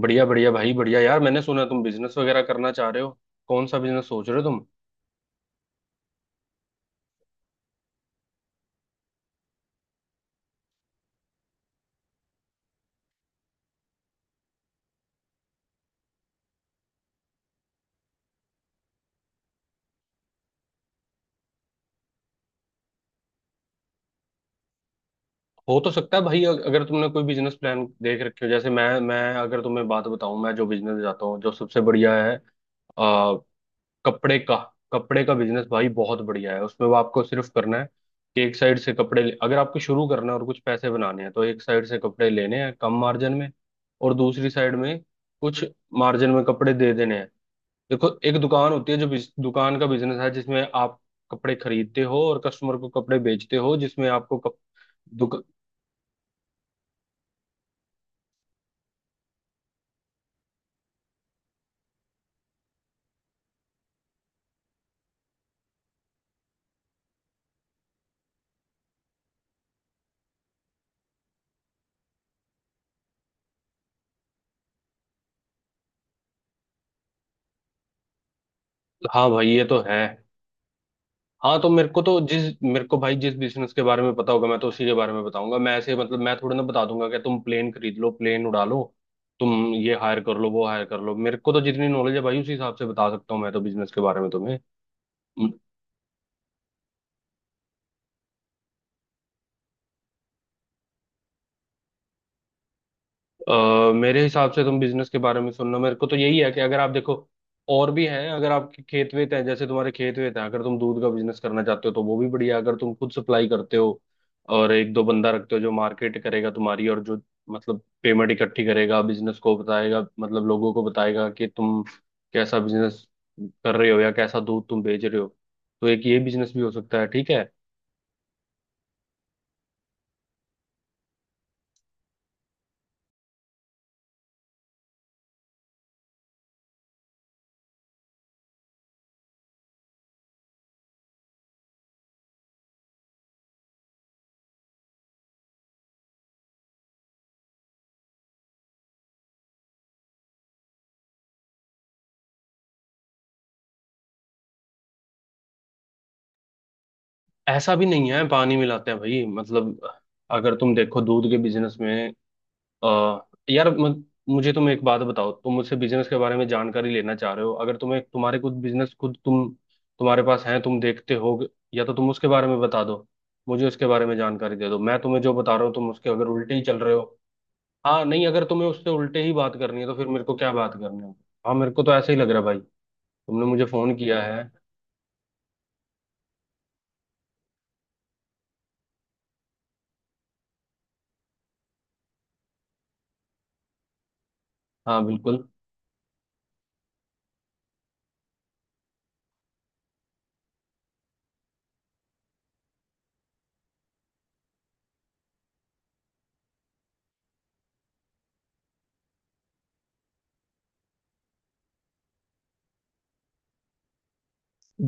बढ़िया बढ़िया भाई बढ़िया यार, मैंने सुना तुम बिजनेस वगैरह करना चाह रहे हो। कौन सा बिजनेस सोच रहे हो तुम? हो तो सकता है भाई। अगर तुमने कोई बिजनेस प्लान देख रखे हो, जैसे मैं अगर तुम्हें बात बताऊं, मैं जो बिजनेस जाता हूँ जो सबसे बढ़िया है, आ, कपड़े का। कपड़े का बिजनेस भाई बहुत बढ़िया है। उसमें वो आपको सिर्फ करना है कि एक साइड से अगर आपको शुरू करना है और कुछ पैसे बनाने हैं, तो एक साइड से कपड़े लेने हैं कम मार्जिन में और दूसरी साइड में कुछ मार्जिन में कपड़े दे देने हैं। देखो, एक दुकान होती है जो दुकान का बिजनेस है जिसमें आप कपड़े खरीदते हो और कस्टमर को कपड़े बेचते हो, जिसमें आपको दुक, हाँ भाई ये तो है। हाँ तो मेरे को तो जिस मेरे को भाई जिस बिजनेस के बारे में पता होगा मैं तो उसी के बारे में बताऊंगा। मैं ऐसे मतलब मैं थोड़ा ना बता दूंगा कि तुम प्लेन खरीद लो, प्लेन उड़ा लो, तुम ये हायर कर लो वो हायर कर लो। मेरे को तो जितनी नॉलेज है भाई उसी हिसाब से बता सकता हूँ मैं तो बिजनेस के बारे में तुम्हें। अ, मेरे हिसाब से तुम बिजनेस के बारे में सुनना मेरे को तो यही है कि अगर आप देखो, और भी हैं। अगर आपके खेत वेत हैं, जैसे तुम्हारे खेत वेत हैं, अगर तुम दूध का बिजनेस करना चाहते हो तो वो भी बढ़िया है। अगर तुम खुद सप्लाई करते हो और एक दो बंदा रखते हो जो मार्केट करेगा तुम्हारी, और जो मतलब पेमेंट इकट्ठी करेगा, बिजनेस को बताएगा, मतलब लोगों को बताएगा कि तुम कैसा बिजनेस कर रहे हो या कैसा दूध तुम बेच रहे हो। तो एक ये बिजनेस भी हो सकता है, ठीक है। ऐसा भी नहीं है पानी मिलाते हैं भाई, मतलब अगर तुम देखो दूध के बिजनेस में, अ, यार मुझे तुम एक बात बताओ, तुम मुझसे बिजनेस के बारे में जानकारी लेना चाह रहे हो। अगर तुम्हें तुम्हारे कुछ बिजनेस खुद तुम तुम्हारे पास है, तुम देखते हो, या तो तुम उसके बारे में बता दो, मुझे उसके बारे में जानकारी दे दो। मैं तुम्हें जो बता रहा हूँ, तुम उसके अगर उल्टे ही चल रहे हो। हाँ, नहीं, अगर तुम्हें उससे उल्टे ही बात करनी है तो फिर मेरे को क्या बात करनी है? हाँ मेरे को तो ऐसे ही लग रहा है भाई। तुमने मुझे फोन किया है। हाँ, बिल्कुल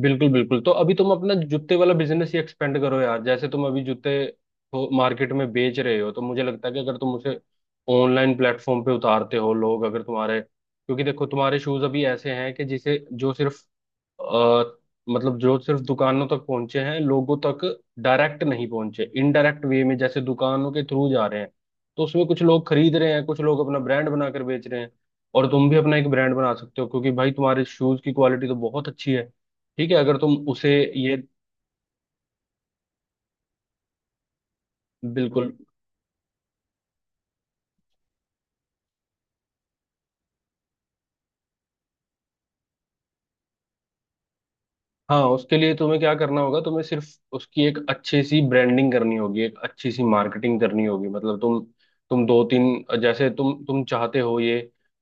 बिल्कुल बिल्कुल। तो अभी तुम अपना जूते वाला बिजनेस ही एक्सपेंड करो यार। जैसे तुम अभी जूते मार्केट में बेच रहे हो, तो मुझे लगता है कि अगर तुम उसे ऑनलाइन प्लेटफॉर्म पे उतारते हो, लोग अगर तुम्हारे, क्योंकि देखो तुम्हारे शूज अभी ऐसे हैं कि जिसे जो सिर्फ, अ, मतलब जो सिर्फ दुकानों तक पहुंचे हैं, लोगों तक डायरेक्ट नहीं पहुंचे, इनडायरेक्ट वे में जैसे दुकानों के थ्रू जा रहे हैं। तो उसमें कुछ लोग खरीद रहे हैं, कुछ लोग अपना ब्रांड बनाकर बेच रहे हैं। और तुम भी अपना एक ब्रांड बना सकते हो, क्योंकि भाई तुम्हारे शूज की क्वालिटी तो बहुत अच्छी है। ठीक है, अगर तुम उसे, ये, बिल्कुल। हाँ, उसके लिए तुम्हें क्या करना होगा? तुम्हें सिर्फ उसकी एक अच्छी सी ब्रांडिंग करनी होगी, एक अच्छी सी मार्केटिंग करनी होगी। मतलब तुम दो तीन जैसे तुम चाहते हो ये,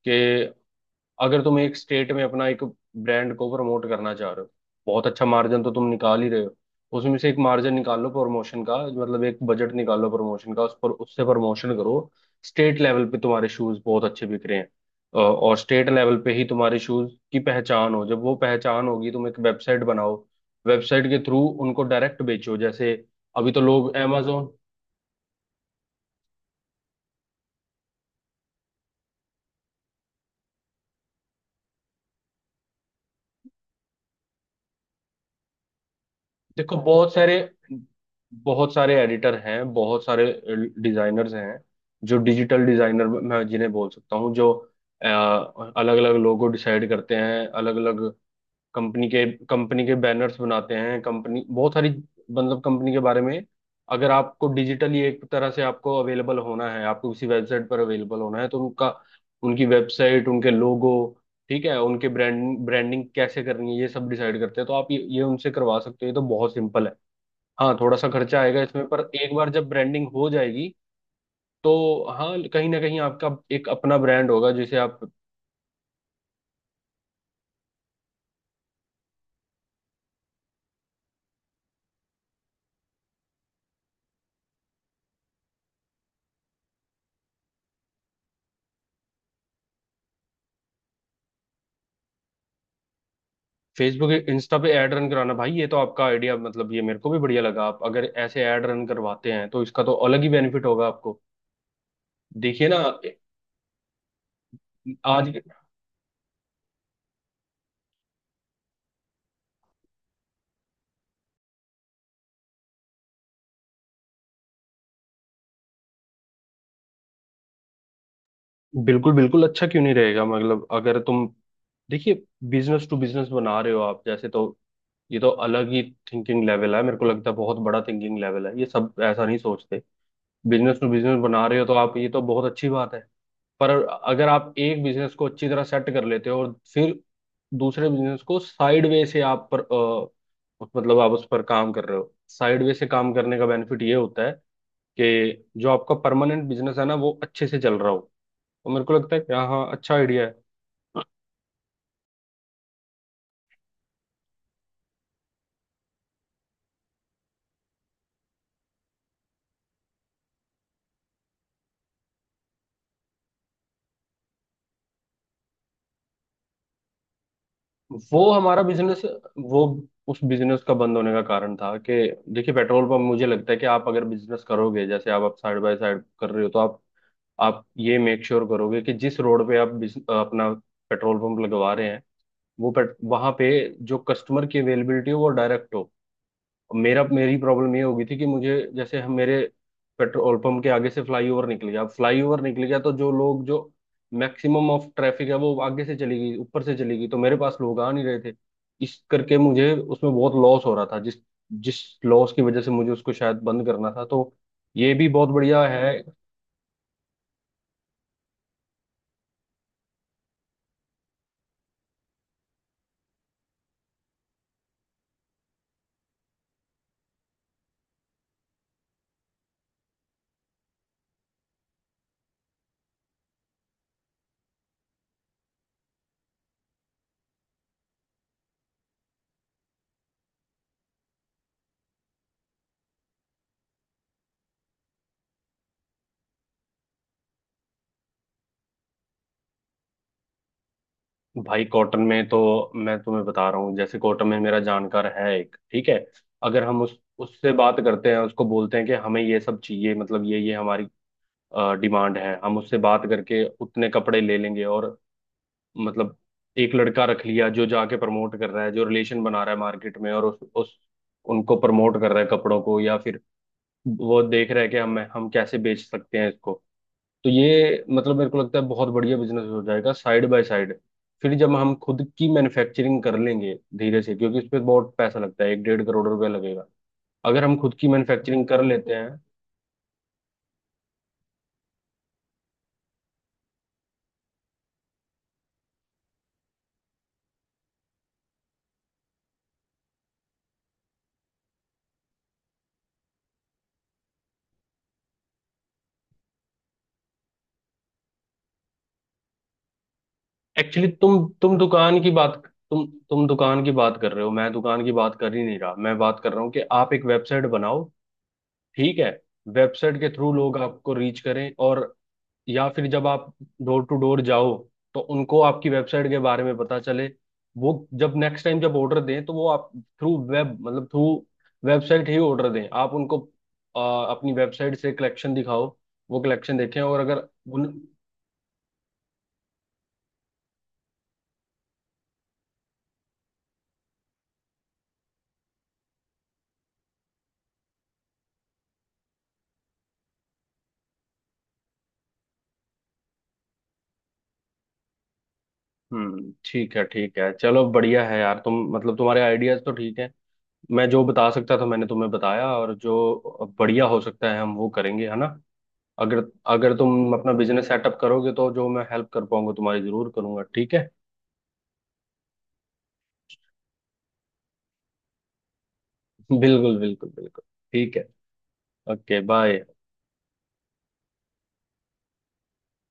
कि अगर तुम एक स्टेट में अपना एक ब्रांड को प्रमोट करना चाह रहे हो, बहुत अच्छा मार्जिन तो तुम निकाल ही रहे हो, उसमें से एक मार्जिन निकालो प्रमोशन का, मतलब एक बजट निकालो प्रमोशन का, उस पर उससे प्रमोशन करो। स्टेट लेवल पे तुम्हारे शूज बहुत अच्छे बिक रहे हैं। और स्टेट लेवल पे ही तुम्हारे शूज की पहचान हो, जब वो पहचान होगी, तुम एक वेबसाइट बनाओ। वेबसाइट के थ्रू उनको डायरेक्ट बेचो, जैसे अभी तो लोग amazon, देखो, बहुत सारे एडिटर हैं, बहुत सारे डिजाइनर्स हैं, जो डिजिटल डिजाइनर मैं जिन्हें बोल सकता हूँ, जो अलग अलग लोगो डिसाइड करते हैं, अलग अलग कंपनी के बैनर्स बनाते हैं। कंपनी बहुत सारी, मतलब कंपनी के बारे में, अगर आपको डिजिटली एक तरह से आपको अवेलेबल होना है, आपको किसी वेबसाइट पर अवेलेबल होना है, तो उनका, उनकी वेबसाइट, उनके लोगो, ठीक है, उनके ब्रांड, ब्रांडिंग कैसे करनी है ये सब डिसाइड करते हैं। तो आप ये उनसे करवा सकते हो, ये तो बहुत सिंपल है। हाँ, थोड़ा सा खर्चा आएगा इसमें, पर एक बार जब ब्रांडिंग हो जाएगी, तो हाँ, कहीं ना कहीं आपका एक अपना ब्रांड होगा जिसे आप, फेसबुक इंस्टा पे ऐड रन कराना भाई, ये तो आपका आइडिया मतलब ये मेरे को भी बढ़िया लगा। आप अगर ऐसे ऐड रन करवाते हैं तो इसका तो अलग ही बेनिफिट होगा आपको। देखिए ना। आज। बिल्कुल बिल्कुल, अच्छा क्यों नहीं रहेगा? मतलब अगर तुम, देखिए, बिजनेस टू बिजनेस बना रहे हो आप, जैसे तो ये तो अलग ही थिंकिंग लेवल है। मेरे को लगता है बहुत बड़ा थिंकिंग लेवल है, ये सब ऐसा नहीं सोचते। बिजनेस टू बिजनेस बना रहे हो तो आप, ये तो बहुत अच्छी बात है। पर अगर आप एक बिजनेस को अच्छी तरह सेट कर लेते हो और फिर दूसरे बिजनेस को साइड वे से आप पर, मतलब आप उस पर काम कर रहे हो, साइड वे से काम करने का बेनिफिट ये होता है कि जो आपका परमानेंट बिजनेस है ना वो अच्छे से चल रहा हो। तो मेरे को लगता है कि हाँ हाँ, अच्छा आइडिया है। वो हमारा बिजनेस, वो, उस बिजनेस का बंद होने का कारण था कि, देखिए, पेट्रोल पंप मुझे लगता है कि आप अगर बिजनेस करोगे जैसे आप साइड बाय साइड कर रहे हो, तो आप ये मेक श्योर करोगे कि जिस रोड पे आप अपना पेट्रोल पंप लगवा रहे हैं, वो पेट वहाँ पे जो कस्टमर की अवेलेबिलिटी हो वो डायरेक्ट हो। मेरा मेरी प्रॉब्लम ये होगी थी कि मुझे, जैसे हम, मेरे पेट्रोल पंप के आगे से फ्लाईओवर निकल गया। अब फ्लाईओवर निकल गया तो जो लोग, जो मैक्सिमम ऑफ ट्रैफिक है वो आगे से चली गई, ऊपर से चली गई, तो मेरे पास लोग आ नहीं रहे थे। इस करके मुझे उसमें बहुत लॉस हो रहा था, जिस जिस लॉस की वजह से मुझे उसको शायद बंद करना था। तो ये भी बहुत बढ़िया है। भाई कॉटन में तो मैं तुम्हें बता रहा हूँ, जैसे कॉटन में मेरा जानकार है एक, ठीक है, अगर हम उस उससे बात करते हैं, उसको बोलते हैं कि हमें ये सब चाहिए, मतलब ये हमारी डिमांड है, हम उससे बात करके उतने कपड़े ले लेंगे, और मतलब एक लड़का रख लिया जो जाके प्रमोट कर रहा है, जो रिलेशन बना रहा है मार्केट में, और उस उनको प्रमोट कर रहा है कपड़ों को, या फिर वो देख रहा है कि हम कैसे बेच सकते हैं इसको। तो ये मतलब मेरे को लगता है बहुत बढ़िया बिजनेस हो जाएगा साइड बाय साइड। फिर जब हम खुद की मैन्युफैक्चरिंग कर लेंगे धीरे से, क्योंकि उसपे बहुत पैसा लगता है, एक डेढ़ करोड़ रुपया लगेगा अगर हम खुद की मैन्युफैक्चरिंग कर लेते हैं। एक्चुअली तुम दुकान की बात, तुम दुकान की बात कर रहे हो, मैं दुकान की बात कर ही नहीं रहा। मैं बात कर रहा हूँ कि आप एक वेबसाइट बनाओ, ठीक है, वेबसाइट के थ्रू लोग आपको रीच करें, और या फिर जब आप डोर टू डोर जाओ तो उनको आपकी वेबसाइट के बारे में पता चले। वो जब नेक्स्ट टाइम जब ऑर्डर दें तो वो आप थ्रू वेब, मतलब थ्रू वेबसाइट ही ऑर्डर दें। आप उनको, अपनी वेबसाइट से कलेक्शन दिखाओ, वो कलेक्शन देखें, और अगर उन, ठीक है ठीक है, चलो बढ़िया है यार, तुम मतलब तुम्हारे आइडियाज तो ठीक है। मैं जो बता सकता था मैंने तुम्हें बताया, और जो बढ़िया हो सकता है हम वो करेंगे, है ना? अगर, तुम अपना बिजनेस सेटअप करोगे तो जो मैं हेल्प कर पाऊंगा तुम्हारी जरूर करूंगा, ठीक है। बिल्कुल बिल्कुल बिल्कुल। ठीक है। Okay bye.